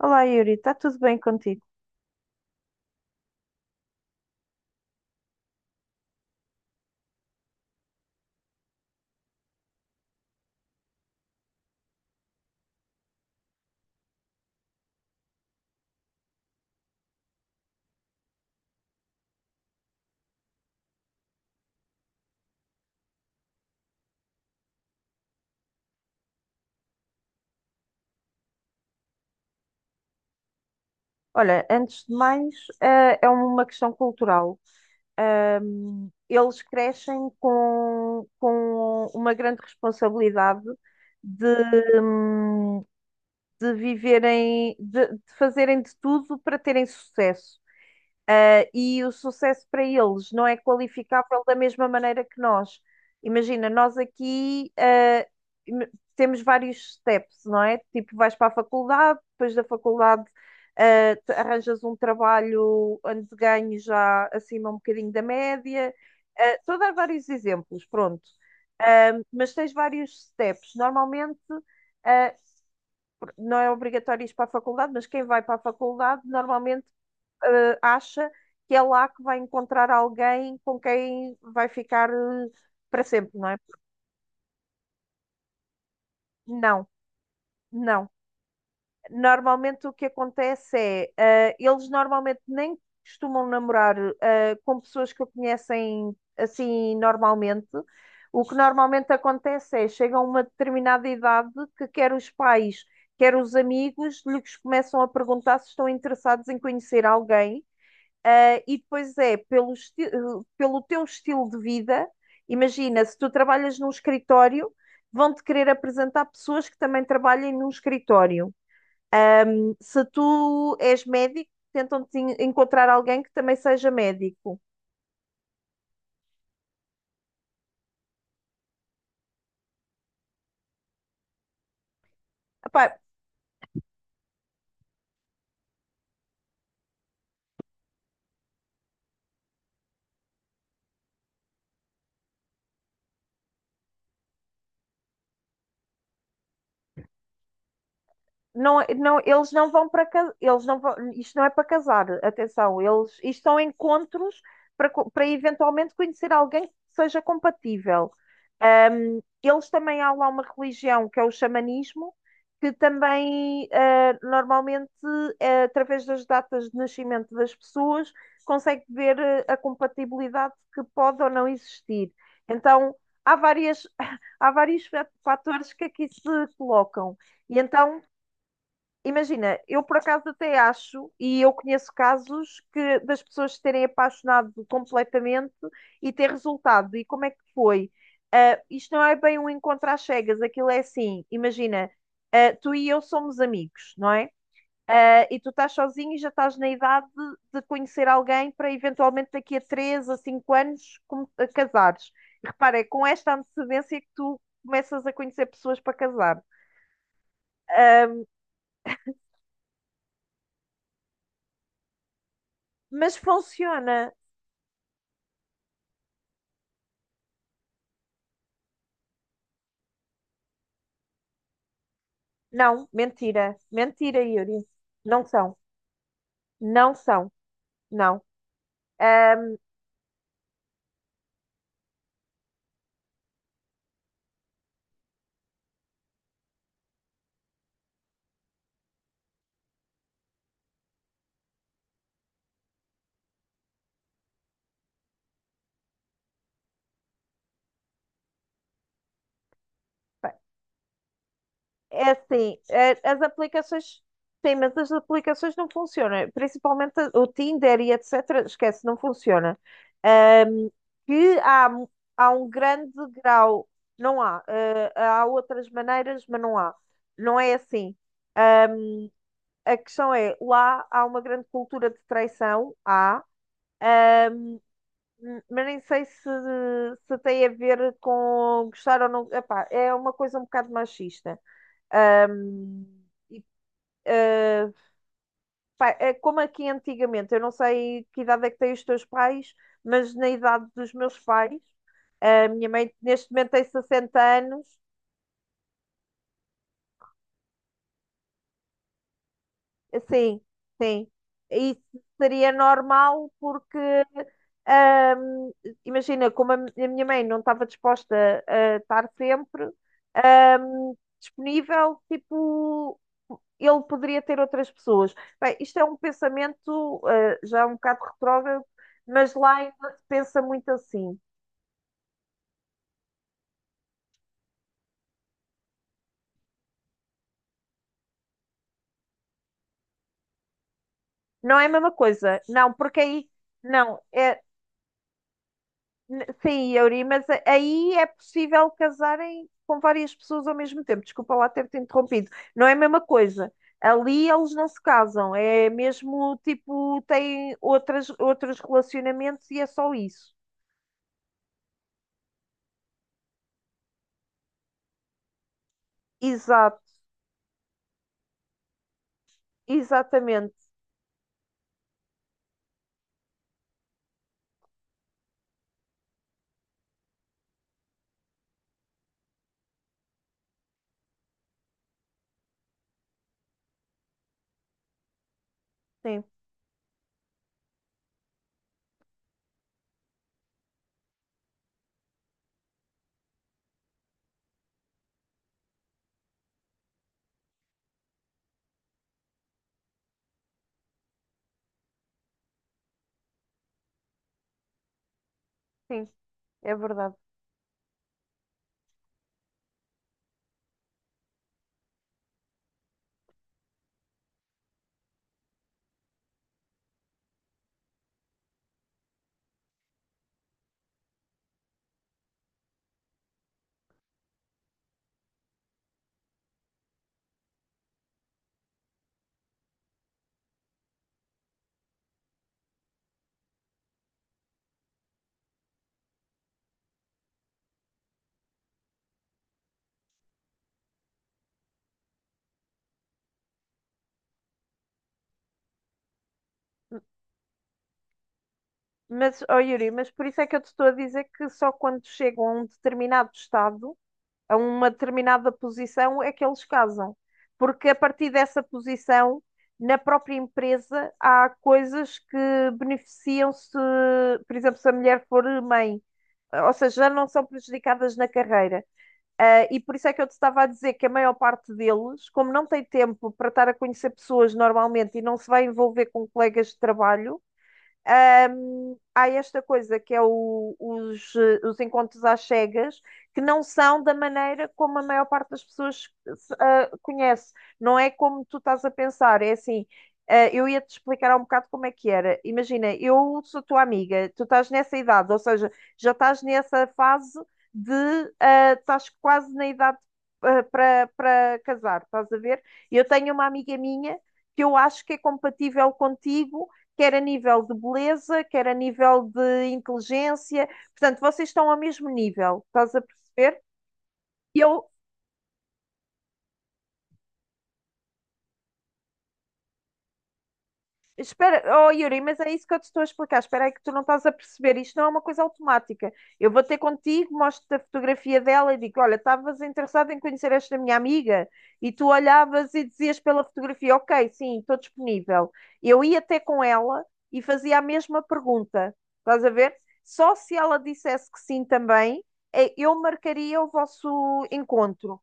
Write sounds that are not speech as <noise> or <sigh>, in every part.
Olá, Yuri, está tudo bem contigo? Olha, antes de mais, é uma questão cultural. Eles crescem com uma grande responsabilidade de, hum, de viverem, de fazerem de tudo para terem sucesso. E o sucesso para eles não é qualificável da mesma maneira que nós. Imagina, nós aqui, im- temos vários steps, não é? Tipo, vais para a faculdade, depois da faculdade, arranjas um trabalho onde ganhas já acima um bocadinho da média. Estou a dar vários exemplos, pronto. Mas tens vários steps. Normalmente, ah, não é obrigatório ir para a faculdade, mas quem vai para a faculdade normalmente acha que é lá que vai encontrar alguém com quem vai ficar, para sempre, não é? Não, não. Normalmente o que acontece é, eles normalmente nem costumam namorar, com pessoas que o conhecem assim normalmente. O que normalmente acontece é, chegam a uma determinada idade que quer os pais, quer os amigos, lhes começam a perguntar se estão interessados em conhecer alguém. E depois é pelo teu estilo de vida. Imagina, se tu trabalhas num escritório, vão-te querer apresentar pessoas que também trabalhem num escritório. Se tu és médico, tentam-te encontrar alguém que também seja médico. Epá, não, não, eles não vão, isto não é para casar, atenção, eles, isto são encontros para eventualmente conhecer alguém que seja compatível. Eles também há lá uma religião que é o xamanismo, que também normalmente, através das datas de nascimento das pessoas consegue ver, a compatibilidade que pode ou não existir. Então há várias, <laughs> há vários fatores que aqui se colocam. E então. Imagina, eu por acaso até acho, e eu conheço casos que das pessoas se terem apaixonado completamente e ter resultado. E como é que foi? Isto não é bem um encontro às cegas, aquilo é assim, imagina, tu e eu somos amigos, não é? E tu estás sozinho e já estás na idade de conhecer alguém para eventualmente daqui a 3 a 5 anos a casares. Repara, é com esta antecedência que tu começas a conhecer pessoas para casar. Ah, Mas funciona. Não, mentira. Mentira, Yuri. Não são. Não são. Não. Ahm, Pá, é assim, as aplicações. Sim, mas as aplicações não funcionam. Principalmente o Tinder e etc. Esquece, não funciona. Ahm, que há um grande grau. Não há. Há outras maneiras, mas não há. Não é assim. Ah, A questão é, lá há uma grande cultura de traição. Há, Mas nem sei se tem a ver com gostar ou não. Epá, é uma coisa um bocado machista. Hum, eh, Pá, é como aqui antigamente, eu não sei que idade é que têm os teus pais, mas na idade dos meus pais, a minha mãe neste momento tem 60 anos. Sim, sim. Isso seria normal porque, ahm, imagina, como a minha mãe não estava disposta a estar sempre, ahm, disponível, tipo, ele poderia ter outras pessoas. Bem, isto é um pensamento, já é um bocado retrógrado, mas lá ainda se pensa muito assim. Não é a mesma coisa, não, porque aí, não, é, N- Sim, Yuri, mas aí é possível casarem com várias pessoas ao mesmo tempo. Desculpa lá ter-te interrompido. Não é a mesma coisa. Ali eles não se casam, é mesmo tipo, têm outros relacionamentos e é só isso. Exato, exatamente. Sim, sim, é verdade. Mas, ó Yuri, mas por isso é que eu te estou a dizer que só quando chegam a um determinado estado, a uma determinada posição é que eles casam. Porque a partir dessa posição, na própria empresa, há coisas que beneficiam-se, por exemplo, se a mulher for mãe, ou seja, já não são prejudicadas na carreira. E por isso é que eu te estava a dizer que a maior parte deles, como não tem tempo para estar a conhecer pessoas normalmente e não se vai envolver com colegas de trabalho, há esta coisa que é os encontros às cegas, que não são da maneira como a maior parte das pessoas conhece. Não é como tu estás a pensar, é assim. Eu ia-te explicar há um bocado como é que era. Imagina, eu sou tua amiga, tu estás nessa idade, ou seja, já estás nessa fase, de, estás quase na idade, para casar, estás a ver? Eu tenho uma amiga minha que eu acho que é compatível contigo, quer a nível de beleza, quer a nível de inteligência. Portanto, vocês estão ao mesmo nível, estás a perceber? Eu Espera, oh Yuri, mas é isso que eu te estou a explicar. Espera aí que tu não estás a perceber. Isto não é uma coisa automática. Eu vou ter contigo, mostro-te a fotografia dela e digo: "Olha, estavas interessado em conhecer esta minha amiga?" E tu olhavas e dizias pela fotografia: "Ok, sim, estou disponível." Eu ia até com ela e fazia a mesma pergunta. Estás a ver? Só se ela dissesse que sim também, eu marcaria o vosso encontro.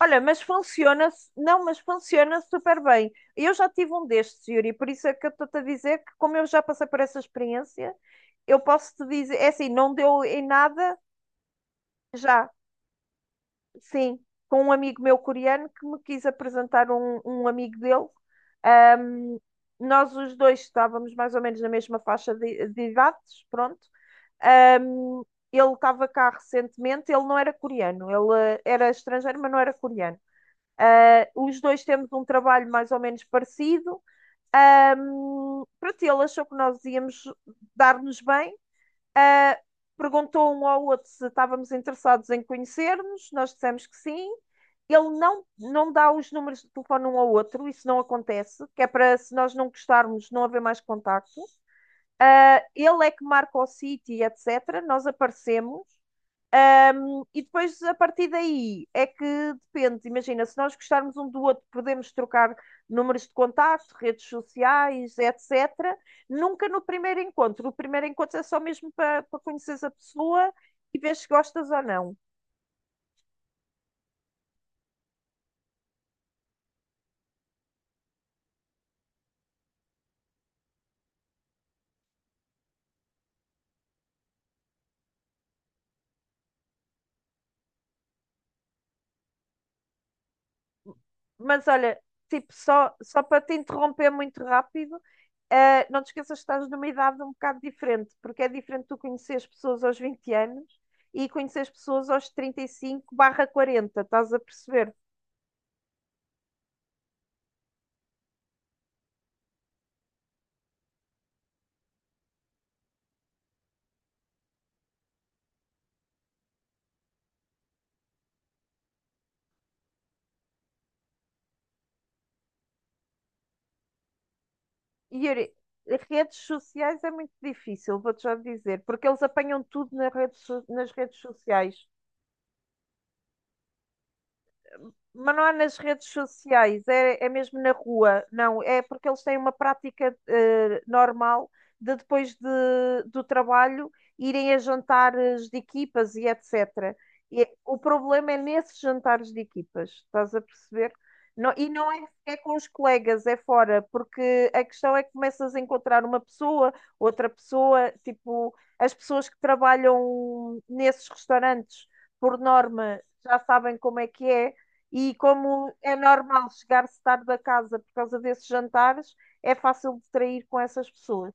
Olha, mas funciona, não, mas funciona super bem. Eu já tive um destes, Yuri, por isso é que eu estou-te a dizer que, como eu já passei por essa experiência, eu posso te dizer, é assim, não deu em nada já, sim, com um amigo meu coreano que me quis apresentar um amigo dele. Ahm, Nós os dois estávamos mais ou menos na mesma faixa de idades, pronto. Ahm, Ele estava cá recentemente, ele não era coreano, ele, era estrangeiro, mas não era coreano. Os dois temos um trabalho mais ou menos parecido. Pronto, ele achou que nós íamos dar-nos bem. Uh, Perguntou um ao outro se estávamos interessados em conhecer-nos. Nós dissemos que sim. Ele não dá os números de telefone um ao outro, isso não acontece, que é para se nós não gostarmos não haver mais contacto. Ele é que marca o sítio, etc. Nós aparecemos. E depois, a partir daí, é que depende. Imagina, se nós gostarmos um do outro, podemos trocar números de contacto, redes sociais, etc. Nunca no primeiro encontro. O primeiro encontro é só mesmo para conheceres a pessoa e ver se gostas ou não. Mas olha, tipo, só para te interromper muito rápido, não te esqueças que estás numa idade um bocado diferente, porque é diferente tu conheceres pessoas aos 20 anos e conheceres pessoas aos 35/40, estás a perceber? Yuri, redes sociais é muito difícil, vou-te já dizer, porque eles apanham tudo nas redes sociais, mas não é nas redes sociais, é é mesmo na rua, não, é porque eles têm uma prática, normal de depois do trabalho irem a jantares de equipas e etc. O problema é nesses jantares de equipas, estás a perceber? E não é, é com os colegas, é fora, porque a questão é que começas a encontrar uma pessoa, outra pessoa, tipo, as pessoas que trabalham nesses restaurantes, por norma, já sabem como é que é e como é normal chegar-se tarde a casa por causa desses jantares, é fácil distrair com essas pessoas.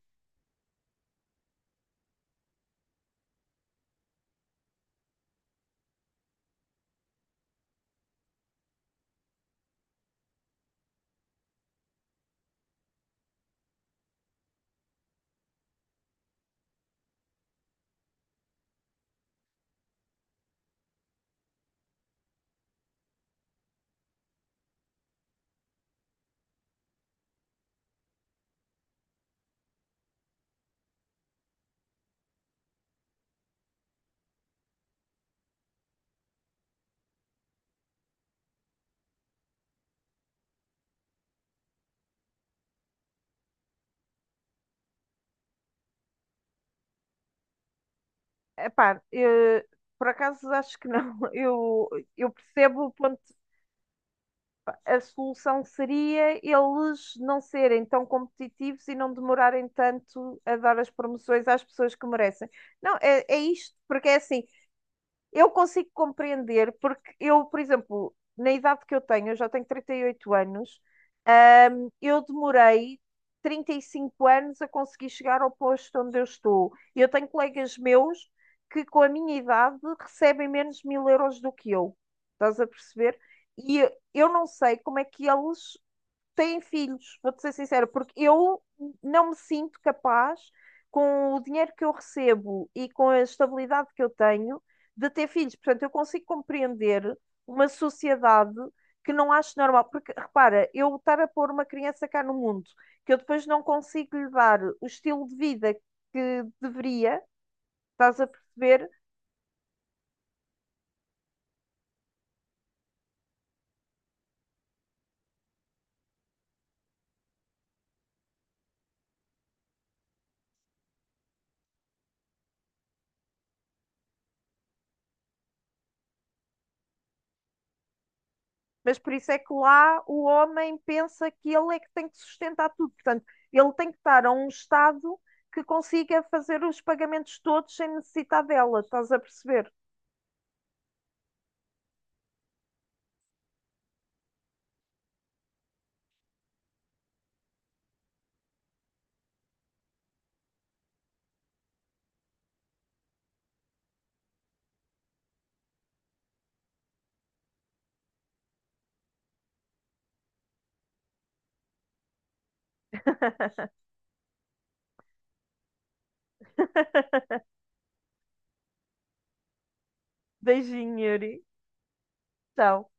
Epá, por acaso acho que não. <laughs> Eu percebo o ponto. A solução seria eles não serem tão competitivos e não demorarem tanto a dar as promoções às pessoas que merecem. Não, é isto, porque é assim, eu consigo compreender, porque eu, por exemplo, na idade que eu tenho, eu já tenho 38 anos, eu demorei 35 anos a conseguir chegar ao posto onde eu estou. E eu tenho colegas meus que, com a minha idade, recebem menos 1000 euros do que eu. Estás a perceber? E eu não sei como é que eles têm filhos, vou-te ser sincera, porque eu não me sinto capaz, com o dinheiro que eu recebo e com a estabilidade que eu tenho, de ter filhos. Portanto, eu consigo compreender uma sociedade que não acho normal. Porque, repara, eu estar a pôr uma criança cá no mundo, que eu depois não consigo lhe dar o estilo de vida que deveria, estás a perceber? Mas por isso é que lá o homem pensa que ele é que tem que sustentar tudo. Portanto, ele tem que estar a um estado que consiga fazer os pagamentos todos sem necessitar dela. Estás a perceber? <laughs> Beijinho, Yuri. Tchau.